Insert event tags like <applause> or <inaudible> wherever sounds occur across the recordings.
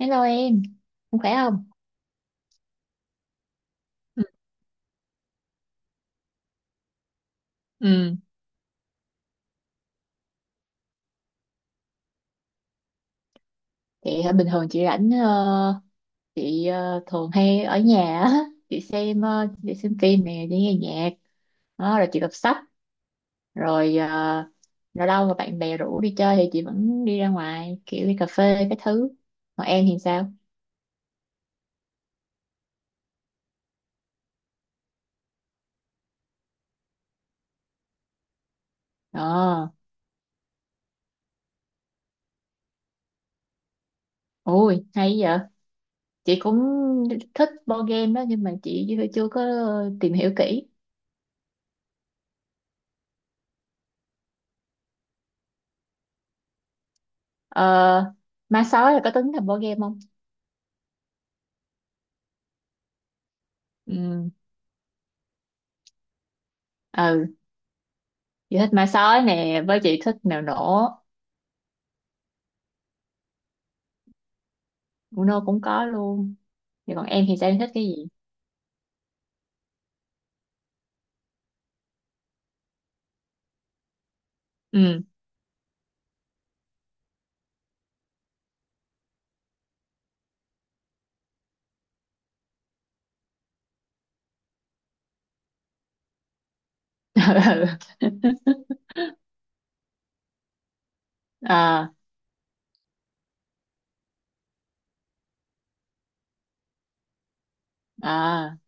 Hello em, không khỏe không? Ừ. Ừ. Chị bình thường chị rảnh chị thường hay ở nhà á, <laughs> chị xem chị xem phim nè, chị nghe nhạc, đó, rồi chị đọc sách, rồi ờ, lâu lâu mà bạn bè rủ đi chơi thì chị vẫn đi ra ngoài kiểu đi cà phê cái thứ. Còn em thì sao? Ờ, ui hay vậy. Chị cũng thích board game đó nhưng mà chị chưa chưa có tìm hiểu kỹ. Ờ, ma sói là có tính là board game không? Ừ. Chị thích ma sói nè với chị thích mèo nổ. Uno nô cũng có luôn, vậy còn em thì sao, em thích cái gì? Ừ. <laughs> Ừ. À. À.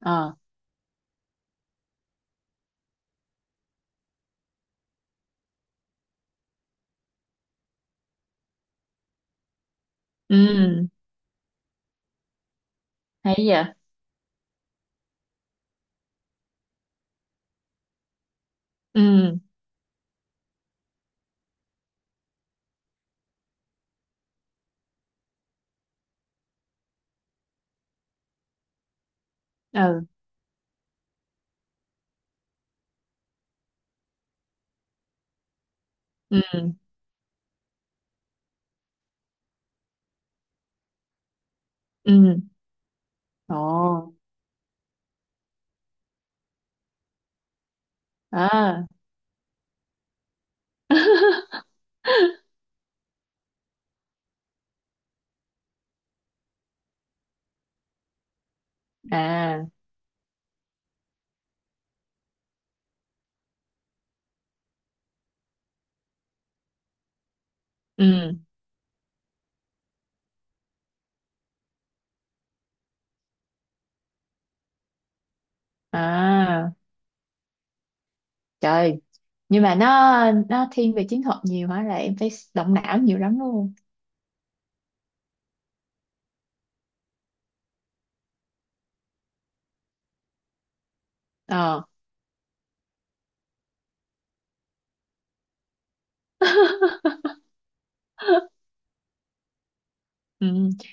À. Ừ, hay vậy. Ừ. Ừ. Ừ. Ừ. Ồ. À. <laughs> À. Ừ. À. Trời, nhưng mà nó thiên về chiến thuật nhiều hả, là em phải động não nhiều lắm luôn? Ờ. <laughs> Ừ.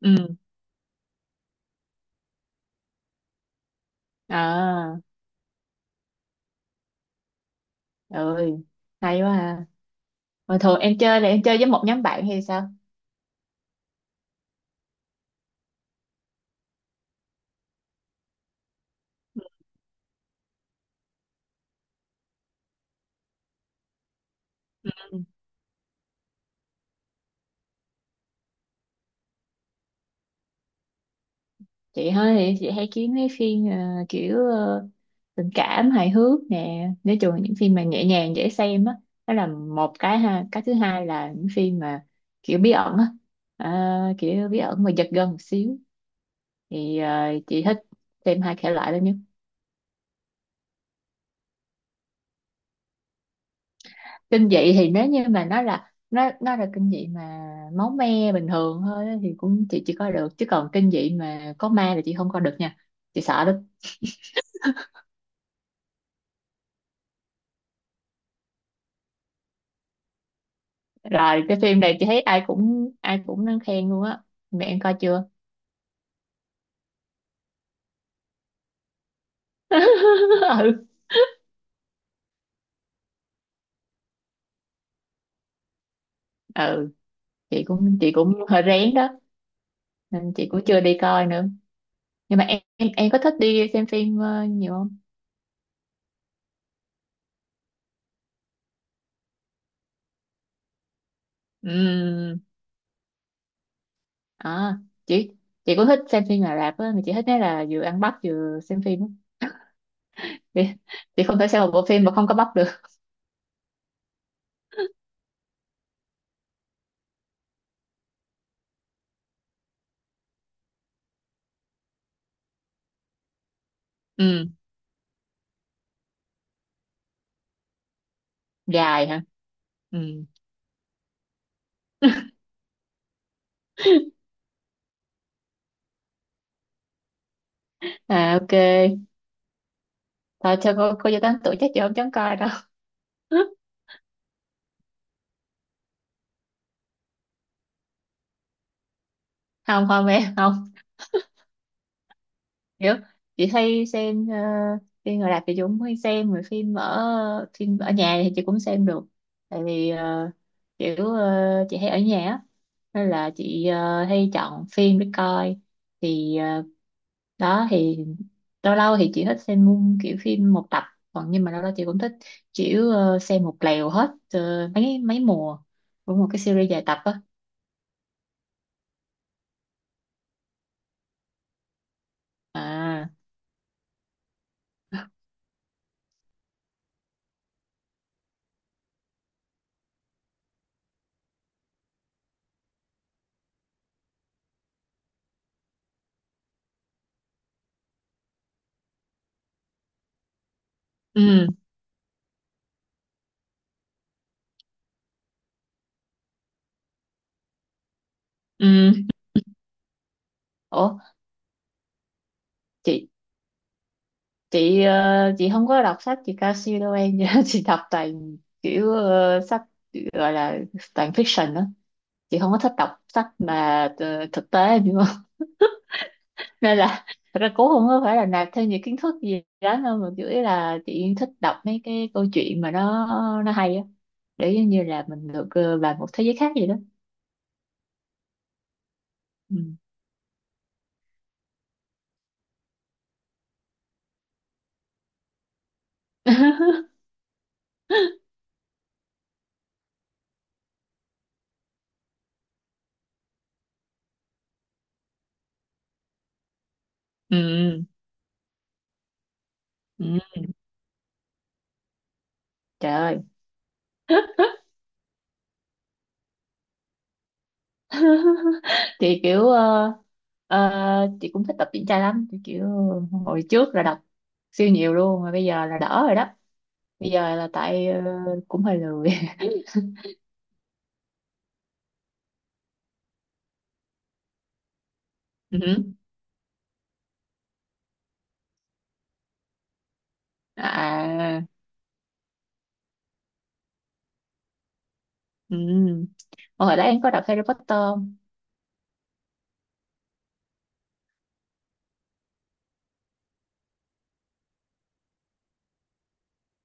Ừ. À. Ơi, hay quá ha. Mà thường em chơi là em chơi với một nhóm bạn hay sao? Chị hơi thì chị hay kiếm mấy phim kiểu ờ, tình cảm hài hước nè, nói chung là những phim mà nhẹ nhàng dễ xem á, đó là một cái ha. Cái thứ hai là những phim mà kiểu bí ẩn á, à, kiểu bí ẩn mà giật gân một xíu thì chị thích xem hai thể loại đó nhất. Kinh dị thì nếu như mà nó là nó là kinh dị mà máu me bình thường thôi á thì cũng chị chỉ coi được, chứ còn kinh dị mà có ma là chị không coi được nha. Chị sợ lắm. Rồi cái phim này chị thấy ai cũng đang khen luôn á, mẹ em coi chưa? <laughs> Ừ. Ừ. Chị cũng chị cũng hơi rén đó nên chị cũng chưa đi coi nữa. Nhưng mà em có thích đi xem phim nhiều không? Ừ. À, chị chị cũng thích xem phim Ả Rập á, mà chị thích nói là vừa ăn bắp vừa xem phim á. chị, chị không thể xem một bộ phim mà không có bắp được. Ừ, dài hả. Ừ. <laughs> À, ok, thôi cho cô vô tám tuổi chắc chị không dám coi đâu. <laughs> Không không, em không hiểu. Chị hay xem phim người Đạp thì chị cũng hay xem, rồi phim ở nhà thì chị cũng xem được, tại vì chị hay ở nhà á nên là chị hay chọn phim để coi. thì ờ, đó thì lâu lâu thì chị thích xem mung kiểu phim một tập, còn nhưng mà lâu lâu chị cũng thích kiểu xem một lèo hết mấy mấy mùa của một cái series dài tập á. À. Ừ. Ừ. Ủa, chị chị chị không có đọc sách chị cao siêu đâu em. <laughs> Chị đọc toàn kiểu sách gọi là toàn fiction đó, chị không có thích đọc sách mà thực tế nhưng <laughs> nên là thật ra cũng không có phải là nạp thêm những kiến thức gì đó đâu, mà chủ yếu là chị thích đọc mấy cái câu chuyện mà nó hay á, để giống như là mình được vào một thế giới khác gì đó. Ừ. <laughs> Ừ. Ừ. Trời ơi. <laughs> Thì kiểu ờ, chị cũng thích tập truyện tranh lắm, thì kiểu hồi trước là đọc siêu nhiều luôn, mà bây giờ là đỡ rồi đó. Bây giờ là tại cũng hơi lười. <laughs> Ừ. À. Ừ. Hồi đó em có đọc Harry Potter không?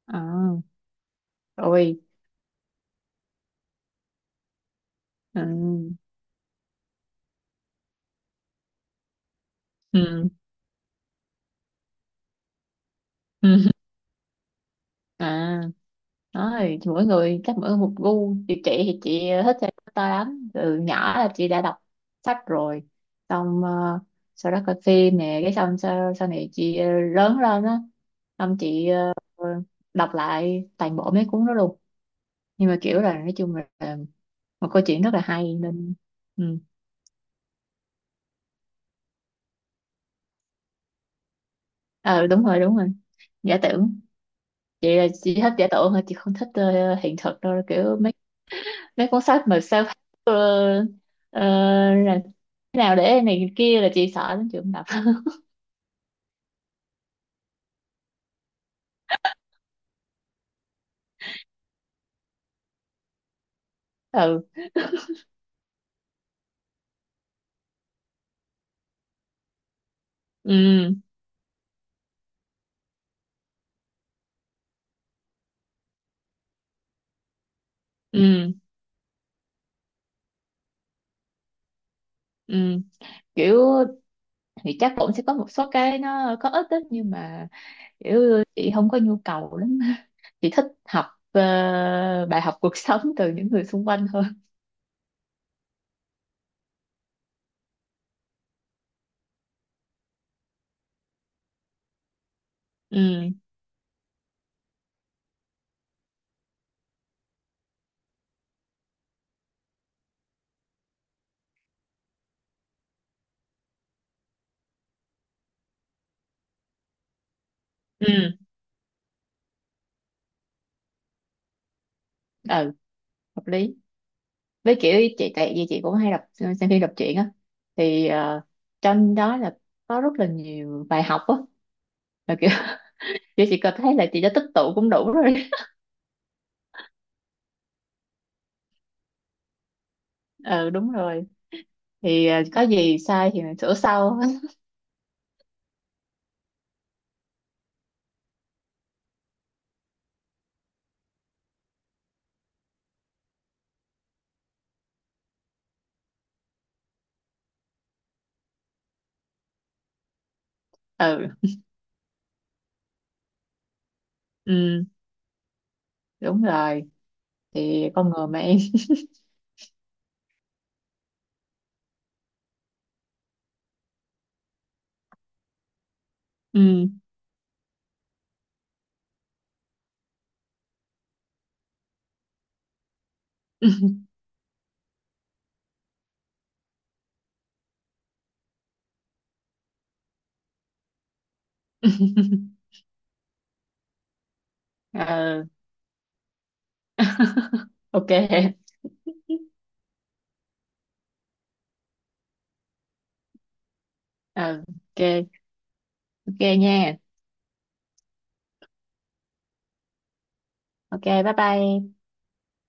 À, rồi. Ừ. Ừ. Ừ. À, nói thì mỗi người chắc mỗi một gu, chị thì chị thích Harry Potter lắm, từ nhỏ là chị đã đọc sách rồi, xong sau đó coi phim nè, cái xong sau này chị lớn lên á, xong chị đọc lại toàn bộ mấy cuốn đó luôn, nhưng mà kiểu là nói chung là một câu chuyện rất là hay nên ừ. Ờ đúng rồi đúng rồi, giả tưởng. Chị là chị thích giả tưởng thôi, chị không thích hiện thực đâu, kiểu mấy cuốn sách mà self ờ, ờ, là thế nào để này kia là chị sợ lắm, chị không đọc. <laughs> Ừ. Ừ. Ừ. Ừ. Kiểu thì chắc cũng sẽ có một số cái nó có ích đó, nhưng mà kiểu chị không có nhu cầu lắm. <laughs> Chị thích học ờ, bài học cuộc <laughs> sống từ những người xung quanh hơn. Ừ. Ừ. Ừ. Hợp lý, với kiểu chị tại vì chị cũng hay đọc xem phim đọc truyện á, thì trong đó là có rất là nhiều bài học á. Mà kiểu kiểu chị cực thấy là chị đã tích tụ cũng đủ rồi. <laughs> Ừ, đúng rồi, thì có gì sai thì mình sửa sau. <laughs> Ừ. Ừ, đúng rồi, thì con người mà em. <laughs> Ừ. <laughs> Ừ. Ok. Ừ. Ok. Ok nha. Ok bye bye.